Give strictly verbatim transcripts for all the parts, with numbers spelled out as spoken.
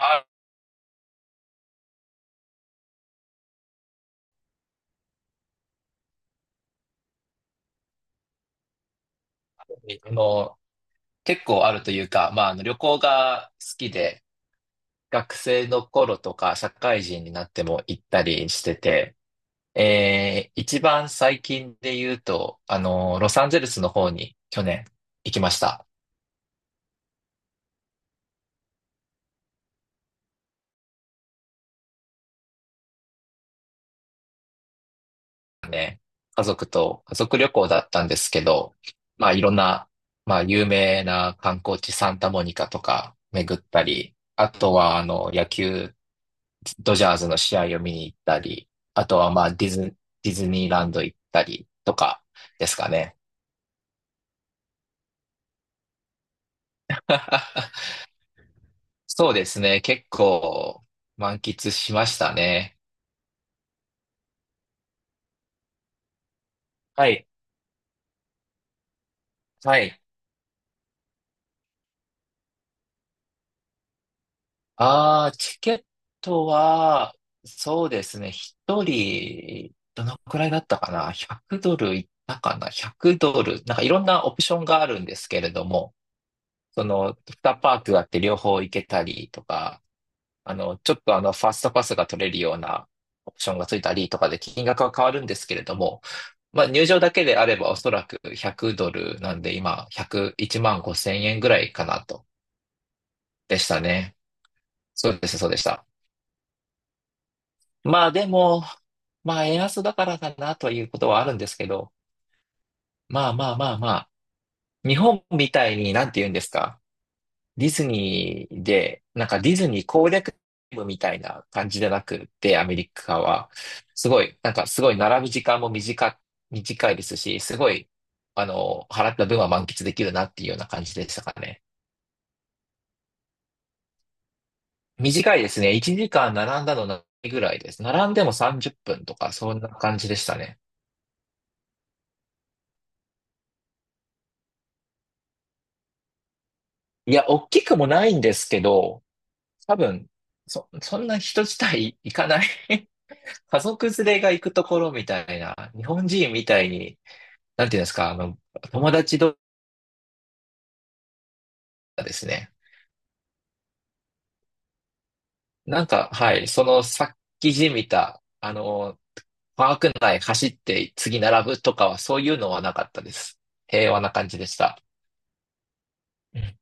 あの、結構あるというか、まあ、あの旅行が好きで、学生の頃とか社会人になっても行ったりしてて、えー、一番最近で言うと、あの、ロサンゼルスの方に去年行きました。ね。家族と、家族旅行だったんですけど、まあ、いろんな、まあ、有名な観光地サンタモニカとか巡ったり、あとは、あの、野球ドジャーズの試合を見に行ったり、あとはまあディズ、ディズニーランド行ったりとかですかね。そうですね。結構満喫しましたね。はい。はい。ああ、チケットは、そうですね。一人、どのくらいだったかな？ ひゃく ドルいったかな？ ひゃく ドル。なんかいろんなオプションがあるんですけれども、その、にパークがあって両方行けたりとか、あの、ちょっとあの、ファストパスが取れるようなオプションがついたりとかで金額は変わるんですけれども、まあ、入場だけであればおそらくひゃくドルなんで今、ひゃくいちまんごせん円ぐらいかなと。でしたね。そうでした、そうでした。まあでも、まあ円安だからかなということはあるんですけど、まあまあまあまあ、日本みたいになんて言うんですか。ディズニーで、なんかディズニー攻略部みたいな感じじゃなくって、アメリカは、すごい、なんかすごい並ぶ時間も短、短いですし、すごい、あの、払った分は満喫できるなっていうような感じでしたかね。短いですね。いちじかん並んだのないぐらいです。並んでもさんじゅっぷんとか、そんな感じでしたね。いや、大きくもないんですけど、多分、そ、そんな人自体行かない 家族連れが行くところみたいな、日本人みたいに、なんていうんですか、あの、友達同士がですね、なんか、はい、そのさっきじみた、あの、パーク内走って次並ぶとかはそういうのはなかったです。平和な感じでした。うん、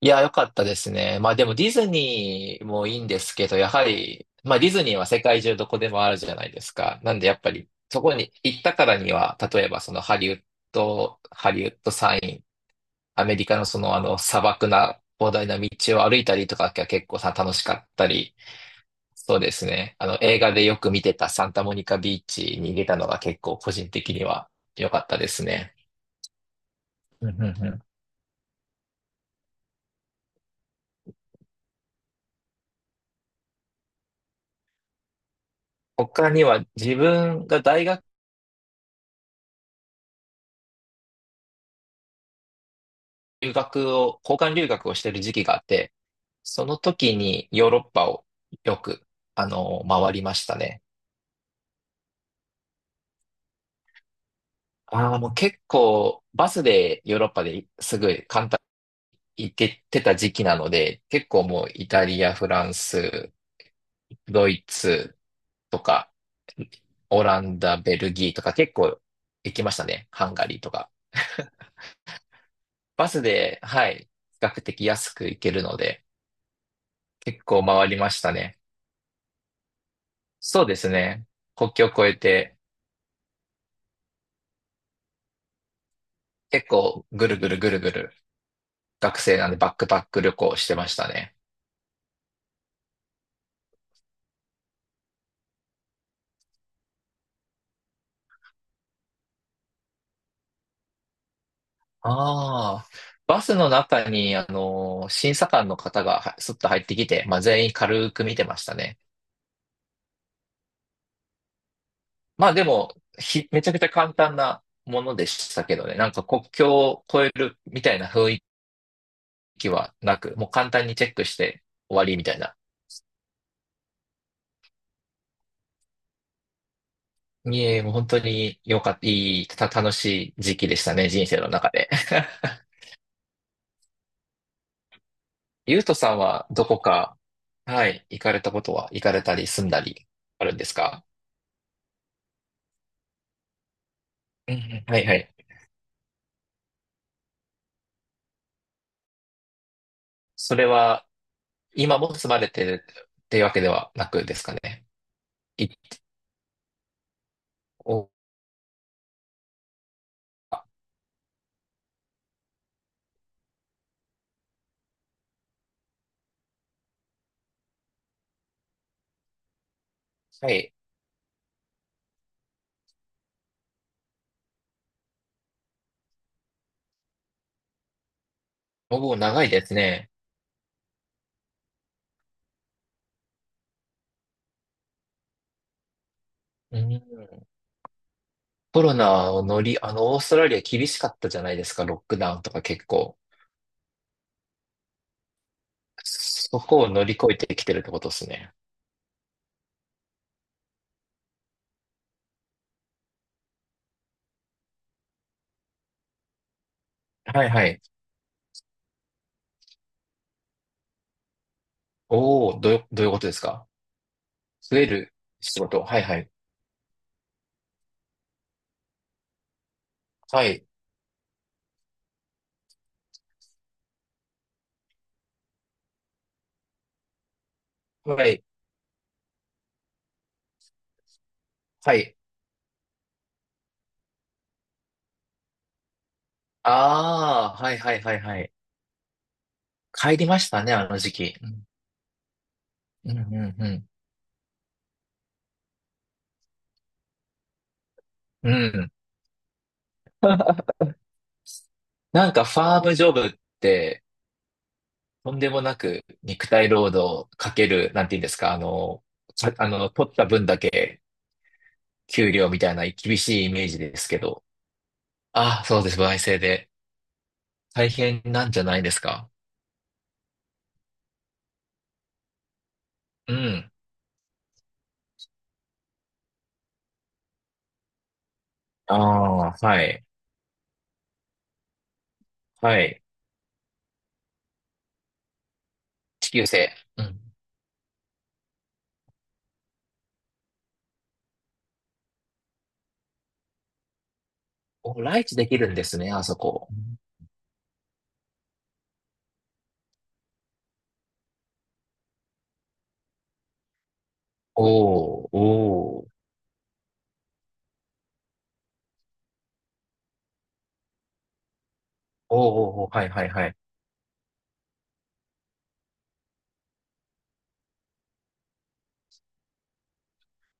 いや、良かったですね。まあでもディズニーもいいんですけど、やはり、まあディズニーは世界中どこでもあるじゃないですか。なんでやっぱり、そこに行ったからには、例えばそのハリウッド、ハリウッドサインアメリカのそのあの砂漠な広大な道を歩いたりとかが結構さ楽しかったり、そうですね。あの映画でよく見てたサンタモニカビーチに行けたのが結構個人的には良かったですね。うんうんうん。他には自分が大学留学を、交換留学をしてる時期があって、その時にヨーロッパをよく、あの、回りましたね。ああ、もう結構バスでヨーロッパですぐ簡単行っててた時期なので、結構もうイタリア、フランス、ドイツとか、オランダ、ベルギーとか結構行きましたね。ハンガリーとか。バスで、はい、比較的安く行けるので、結構回りましたね。そうですね。国境を越えて、結構ぐるぐるぐるぐる、学生なんでバックパック旅行してましたね。ああ、バスの中に、あの、審査官の方がはすっと入ってきて、まあ、全員軽く見てましたね。まあでも、ひ、めちゃくちゃ簡単なものでしたけどね。なんか国境を越えるみたいな雰囲気はなく、もう簡単にチェックして終わりみたいな。いえ、もう本当に良かった、いい、た、楽しい時期でしたね、人生の中で。ゆうとさんはどこか、はい、行かれたことは、行かれたり住んだりあるんですか？うんうん、はいはい。それは、今も住まれてるっていうわけではなくですかね。いお、はい。僕も長いですね。うん。コロナを乗り、あの、オーストラリア厳しかったじゃないですか、ロックダウンとか結構。そこを乗り越えてきてるってことですね。はいはい。おお、どう、どういうことですか？増える仕事。はいはい。はい。はい。はい。ああ、はいはいはいはい。帰りましたね、あの時期。うん、うん、うんうん。うんうん。 なんかファームジョブって、とんでもなく肉体労働かける、なんて言うんですか、あの、さあの、取った分だけ給料みたいな厳しいイメージですけど。ああ、そうです。歩合制で。大変なんじゃないですか。うん。ああ、はい。はい。地球制。うん。お、ライチできるんですね、あそこ。おー、おー、おー、おー、はい、はい、はい。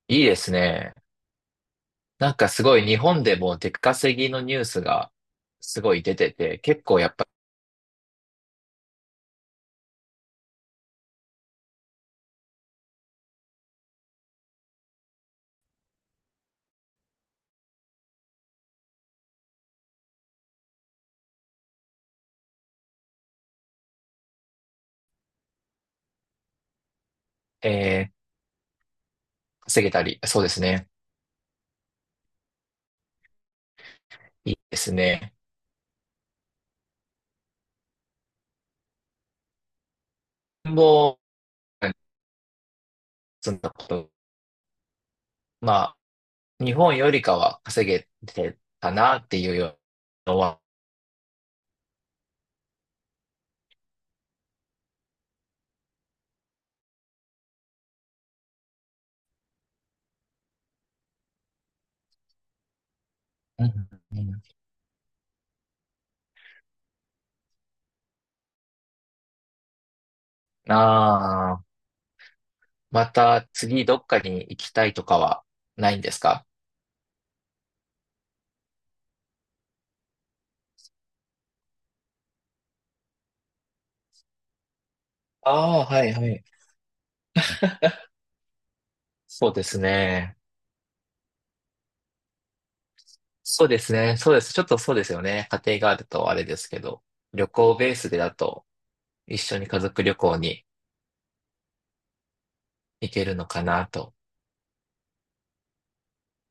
いいですね。なんかすごい日本でも出稼ぎのニュースがすごい出てて、結構やっぱ、えー、稼げたり、そうですね。いいですね。もう、そんなこと。まあ日本よりかは稼げてたなっていうのは、うんうん。ああ、また次どっかに行きたいとかはないんですか？ああ、はい、はい。そうですね。そうですね。そうです。ちょっとそうですよね。家庭があるとあれですけど、旅行ベースでだと一緒に家族旅行に行けるのかなと。